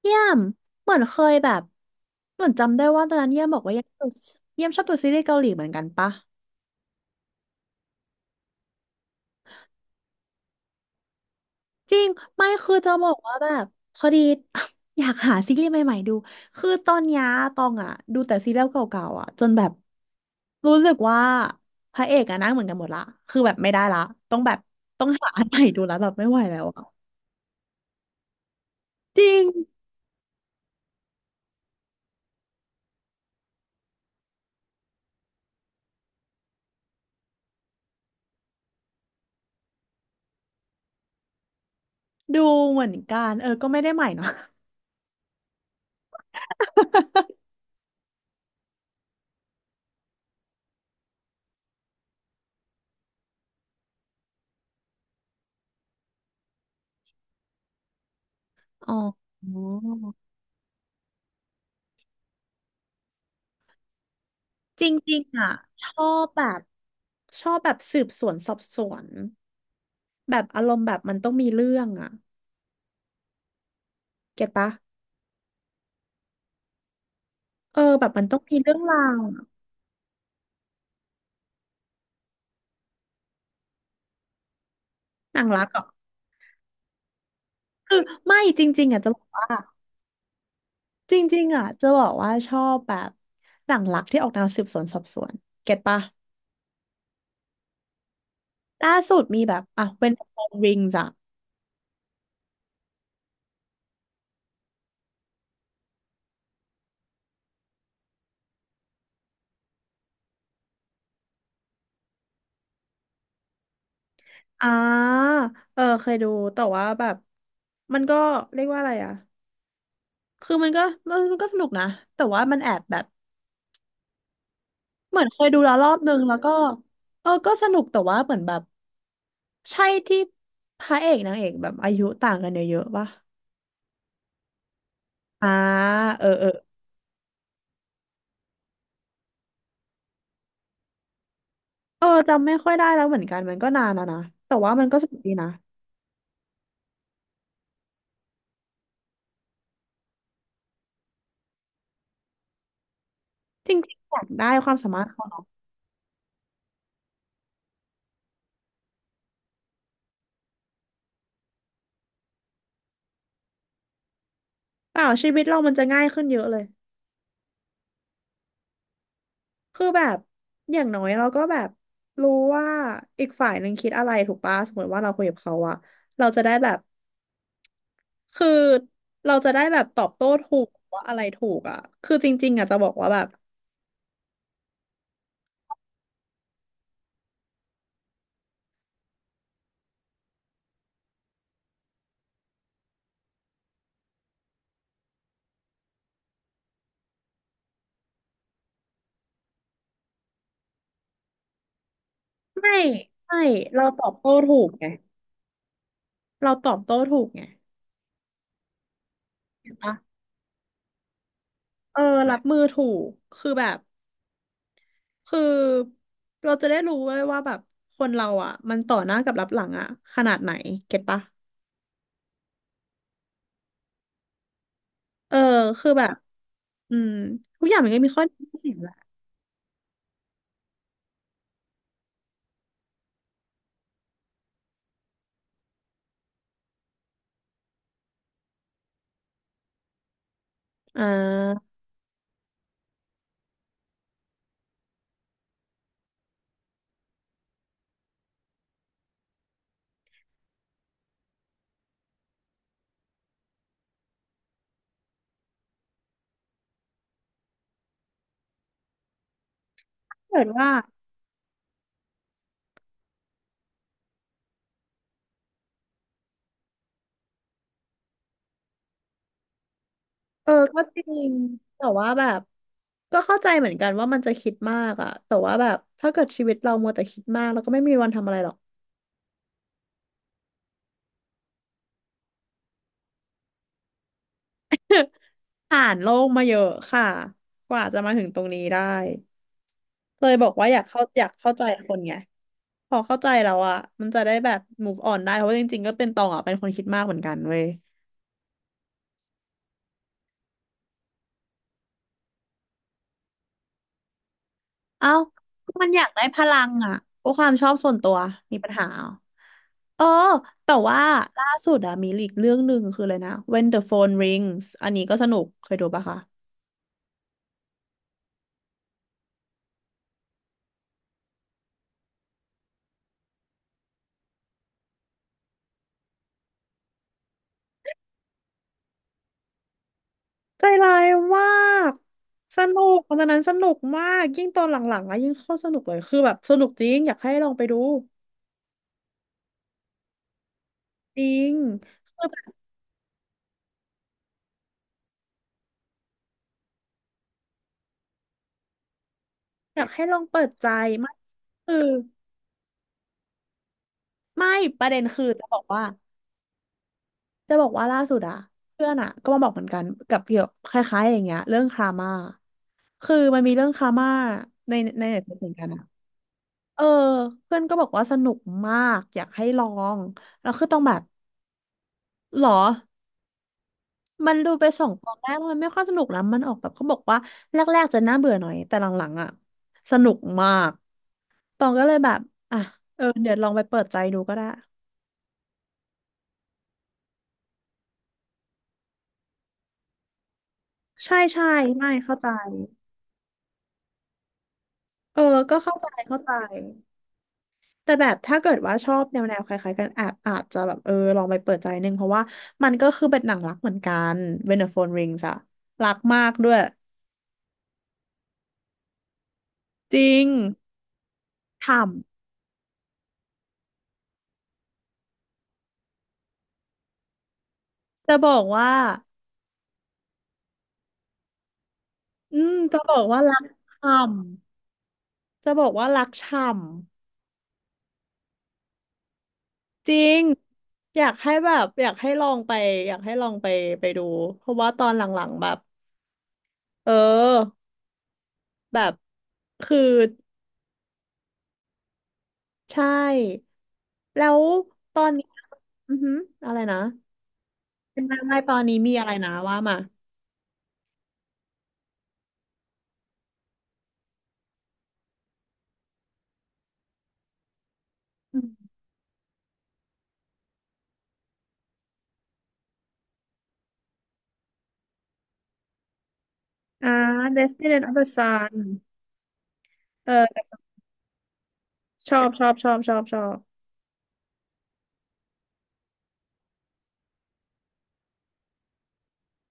เยี่ยมเหมือนเคยแบบเหมือนจำได้ว่าตอนนั้นเยี่ยมบอกว่าเยี่ยมดูเยี่ยมชอบดูซีรีส์เกาหลีเหมือนกันปะจริงไม่คือจะบอกว่าแบบพอดี อยากหาซีรีส์ใหม่ๆดู คือตอนเนี้ยตองอ่ะดูแต่ซีรีส์เก่าๆอ่ะจนแบบรู้สึกว่าพระเอกอะหนั่งเหมือนกันหมดละคือแบบไม่ได้ละต้องแบบต้องหาอันใหม่ดูแล้วแบบไม่ไหวแล้วอะจริงดูเหมือนกันเออก็ไม่ได้ใหม่เนาะ อ๋อ จริงๆอ่ะชอบแบบชอบแบบสืบสวนสอบสวนแบบอารมณ์แบบมันต้องมีเรื่องอ่ะเก็ตปะเออแบบมันต้องมีเรื่องราวอะหนังรักเหรอ่ะคือไม่จริงๆอ่ะจะบอกว่าจริงๆอ่ะจะบอกว่าชอบแบบหนังรักที่ออกแนวสืบสวนสอบสวนเก็ตปะล่าสุดมีแบบอ่ะ When the Phone Rings อ่ะอ่าเออเคยดูแต่ว่าแบบมันก็เรียกว่าอะไรอ่ะคือมันก็สนุกนะแต่ว่ามันแอบแบบ เหมือนเคยดูแล้วรอบนึงแล้วก็เออก็สนุกแต่ว่าเหมือนแบบใช่ที่พระเอกนางเอกแบบอายุต่างกันเยอะๆป่ะอ่าเออเออจำไม่ค่อยได้แล้วเหมือนกันมันก็นานแล้วนะแต่ว่ามันก็สนุกดีนะจริงๆอยากได้ความสามารถเขาเนาะเปล่าชีวิตเรามันจะง่ายขึ้นเยอะเลยคือแบบอย่างน้อยเราก็แบบรู้ว่าอีกฝ่ายหนึ่งคิดอะไรถูกป่ะสมมติว่าเราคุยกับเขาอะเราจะได้แบบ คือเราจะได้แบบตอบโต้ถูกว่าอะไรถูกอ่ะคือจริงๆอ่ะจะบอกว่าแบบไม่ไม่เราตอบโต้ถูกไงเราตอบโต้ถูกไงเห็นปะเออรับมือถูกคือแบบคือเราจะได้รู้ด้วยว่าแบบคนเราอ่ะมันต่อหน้ากับรับหลังอ่ะขนาดไหนเก็ตปะเออคือแบบอืมทุกอย่างมันก็มีข้อดีข้อเสียแหละอ่าถ้าเกิดว่า เออก็จริงแต่ว่าแบบก็เข้าใจเหมือนกันว่ามันจะคิดมากอะแต่ว่าแบบถ้าเกิดชีวิตเรามัวแต่คิดมากเราก็ไม่มีวันทำอะไรหรอกผ่านโลกมาเยอะค่ะกว่าจะมาถึงตรงนี้ได้เลยบอกว่าอยากเข้าอยากเข้าใจคนไงพอเข้าใจแล้วอะมันจะได้แบบ move on ได้เพราะว่าจริงๆก็เป็นตองอะเป็นคนคิดมากเหมือนกันเว้ย เอ้าก็มันอยากได้พลังอ่ะก็ความชอบส่วนตัวมีปัญหาเหรอเออแต่ว่าล่าสุดอะมีอีกเรื่องหนึ่งคืออะไรนะ When the Phone Rings อันนี้ก็สนุกเคยดูปะคะใจร้ายมากสนุกตอนนั้นสนุกมากยิ่งตอนหลังๆอะยิ่งเข้าสนุกเลยคือแบบสนุกจริงอยากให้ลองไปดูจริงอยากให้ลองเปิดใจไม่คือไม่ประเด็นคือจะบอกว่า จะบอกว่าล่าสุดอะเพื่อนอะก็มาบอกเหมือนกันกับเกี่ยวคล้ายๆอย่างเงี้ยเรื่องครามาคือมันมีเรื่องครามาในเน็ตเหมือนกันอะเออเพื่อนก็บอกว่าสนุกมากอยากให้ลองแล้วคือต้องแบบหรอมันดูไปสองตอนแรกลมันไม่ค่อยสนุกนะมันออกแบบเขาบอกว่าแรกๆจะน่าเบื่อหน่อยแต่หลังๆอะสนุกมากตองก็เลยแบบอ่ะเออเดี๋ยวลองไปเปิดใจดูก็ได้ใช่ใช่ไม่เข้าใจเออก็เข้าใจ แต่แบบถ้าเกิดว่าชอบแนวแนวคล้ายๆกันอาจอาจจะแบบเออลองไปเปิดใจหนึ่งเพราะว่ามันก็คือเป็นหนังรักเหมือนกันเวนเดอร์โฟนริงส์อะรักมากด้วยจริงฉ่ำจะบอกว่าอืมจะบอกว่ารักฉ่ำจะบอกว่ารักฉ่ำจริงอยากให้แบบอยากให้ลองไปอยากให้ลองไปไปดูเพราะว่าตอนหลังๆแบบเออแบบคือใช่แล้วตอนนี้อือหืออะไรนะ ไม่ไม่ตอนนี้มีอะไรนะว่ามาอืมอ่า Destiny of the Sun เออชอบชอบชอบชอบชอบ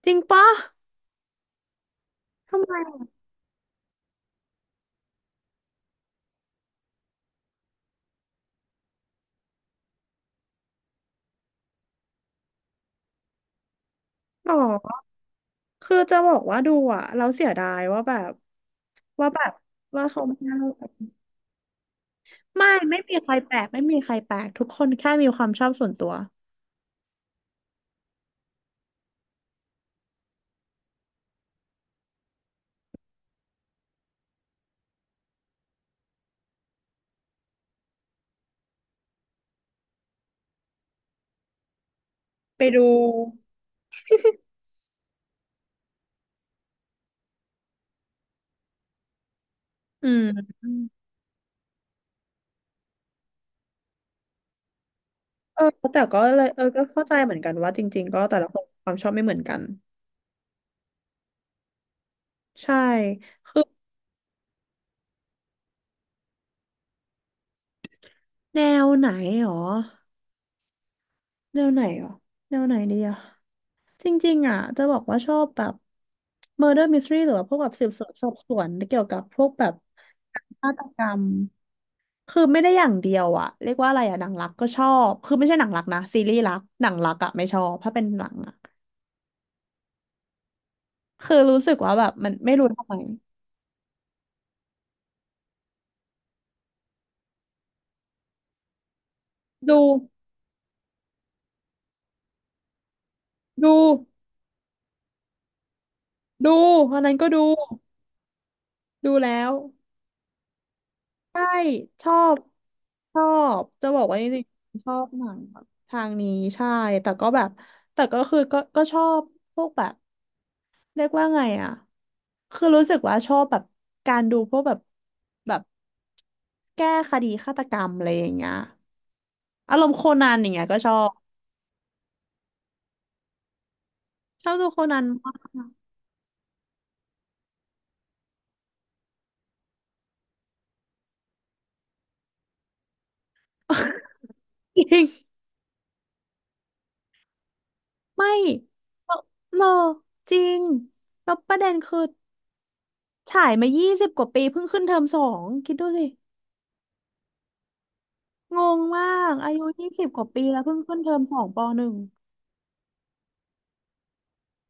จริงปะทำไมอะหรอคือจะบอกว่าดูอ่ะเราเสียดายว่าแบบว่าแบบว่าเขาไม่เลาไม่ไม่มีใครแปลกไม่มีใครแปลกทุกคนแค่มีความชอบส่วนตัวไปดูอืมเออแต่ก็เลยเออก็เข้าใจเหมือนกันว่าจริงๆก็แต่ละคนความชอบไม่เหมือนกันใช่คือแนวไหนหรอ แนวไหนอ่ะแนวไหนดีอ่ะจริงๆอ่ะจะบอกว่าชอบแบบ murder mystery หรือว่าพวกแบบสืบสวนสอบสวนเกี่ยวกับพวกแบบการฆาตกรรมคือไม่ได้อย่างเดียวอ่ะเรียกว่าอะไรอ่ะหนังรักก็ชอบคือไม่ใช่หนังรักนะซีรีส์รักหนังรักอ่ะไม่ชอบถ้าเป็นหนังอ่ะคือรู้สึกว่าแบบมันไม่รู้ทำไมดูดูดูอันนั้นก็ดูดูแล้ว ใช่ชอบชอบจะบอกว่าจริงๆชอบหนังแบบทางนี้ใช่แต่ก็แบบแต่ก็คือก็ชอบพวกแบบเรียกว่าไงอ่ะคือรู้สึกว่าชอบแบบการดูพวกแบบแบบแก้คดีฆาตกรรมอะไรอย่างเงี้ยอารมณ์โคนันอย่างเงี้ยก็ชอบชอบดูโคนันมาก จริงไม่เราเราจริงแล้วประเด็นคือฉายมายี่สิบกว่าปีเพิ่งขึ้นเทอมสองคิดดูสิ งงมากอายุยี่สิบกว่าปีแล้วเพิ่งขึ้นเทอมสองปหนึ่ง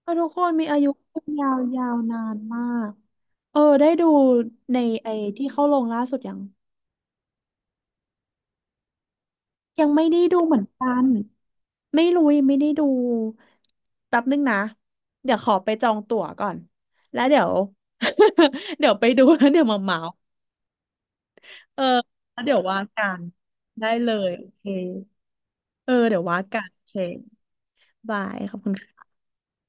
ก็ทุกคนมีอายุยาวนานมากเออได้ดูในไอที่เข้าลงล่าสุดยังไม่ได้ดูเหมือนกันไม่รู้ยังไม่ได้ดูแป๊บนึงนะเดี๋ยวขอไปจองตั๋วก่อนแล้วเดี๋ยว เดี๋ยวไปดูแล้วเดี๋ยวมาเมาส์เออแล้วเดี๋ยวว่ากันได้เลยโอเคเออเดี๋ยวว่ากันโอเคบายขอบคุณค่ะ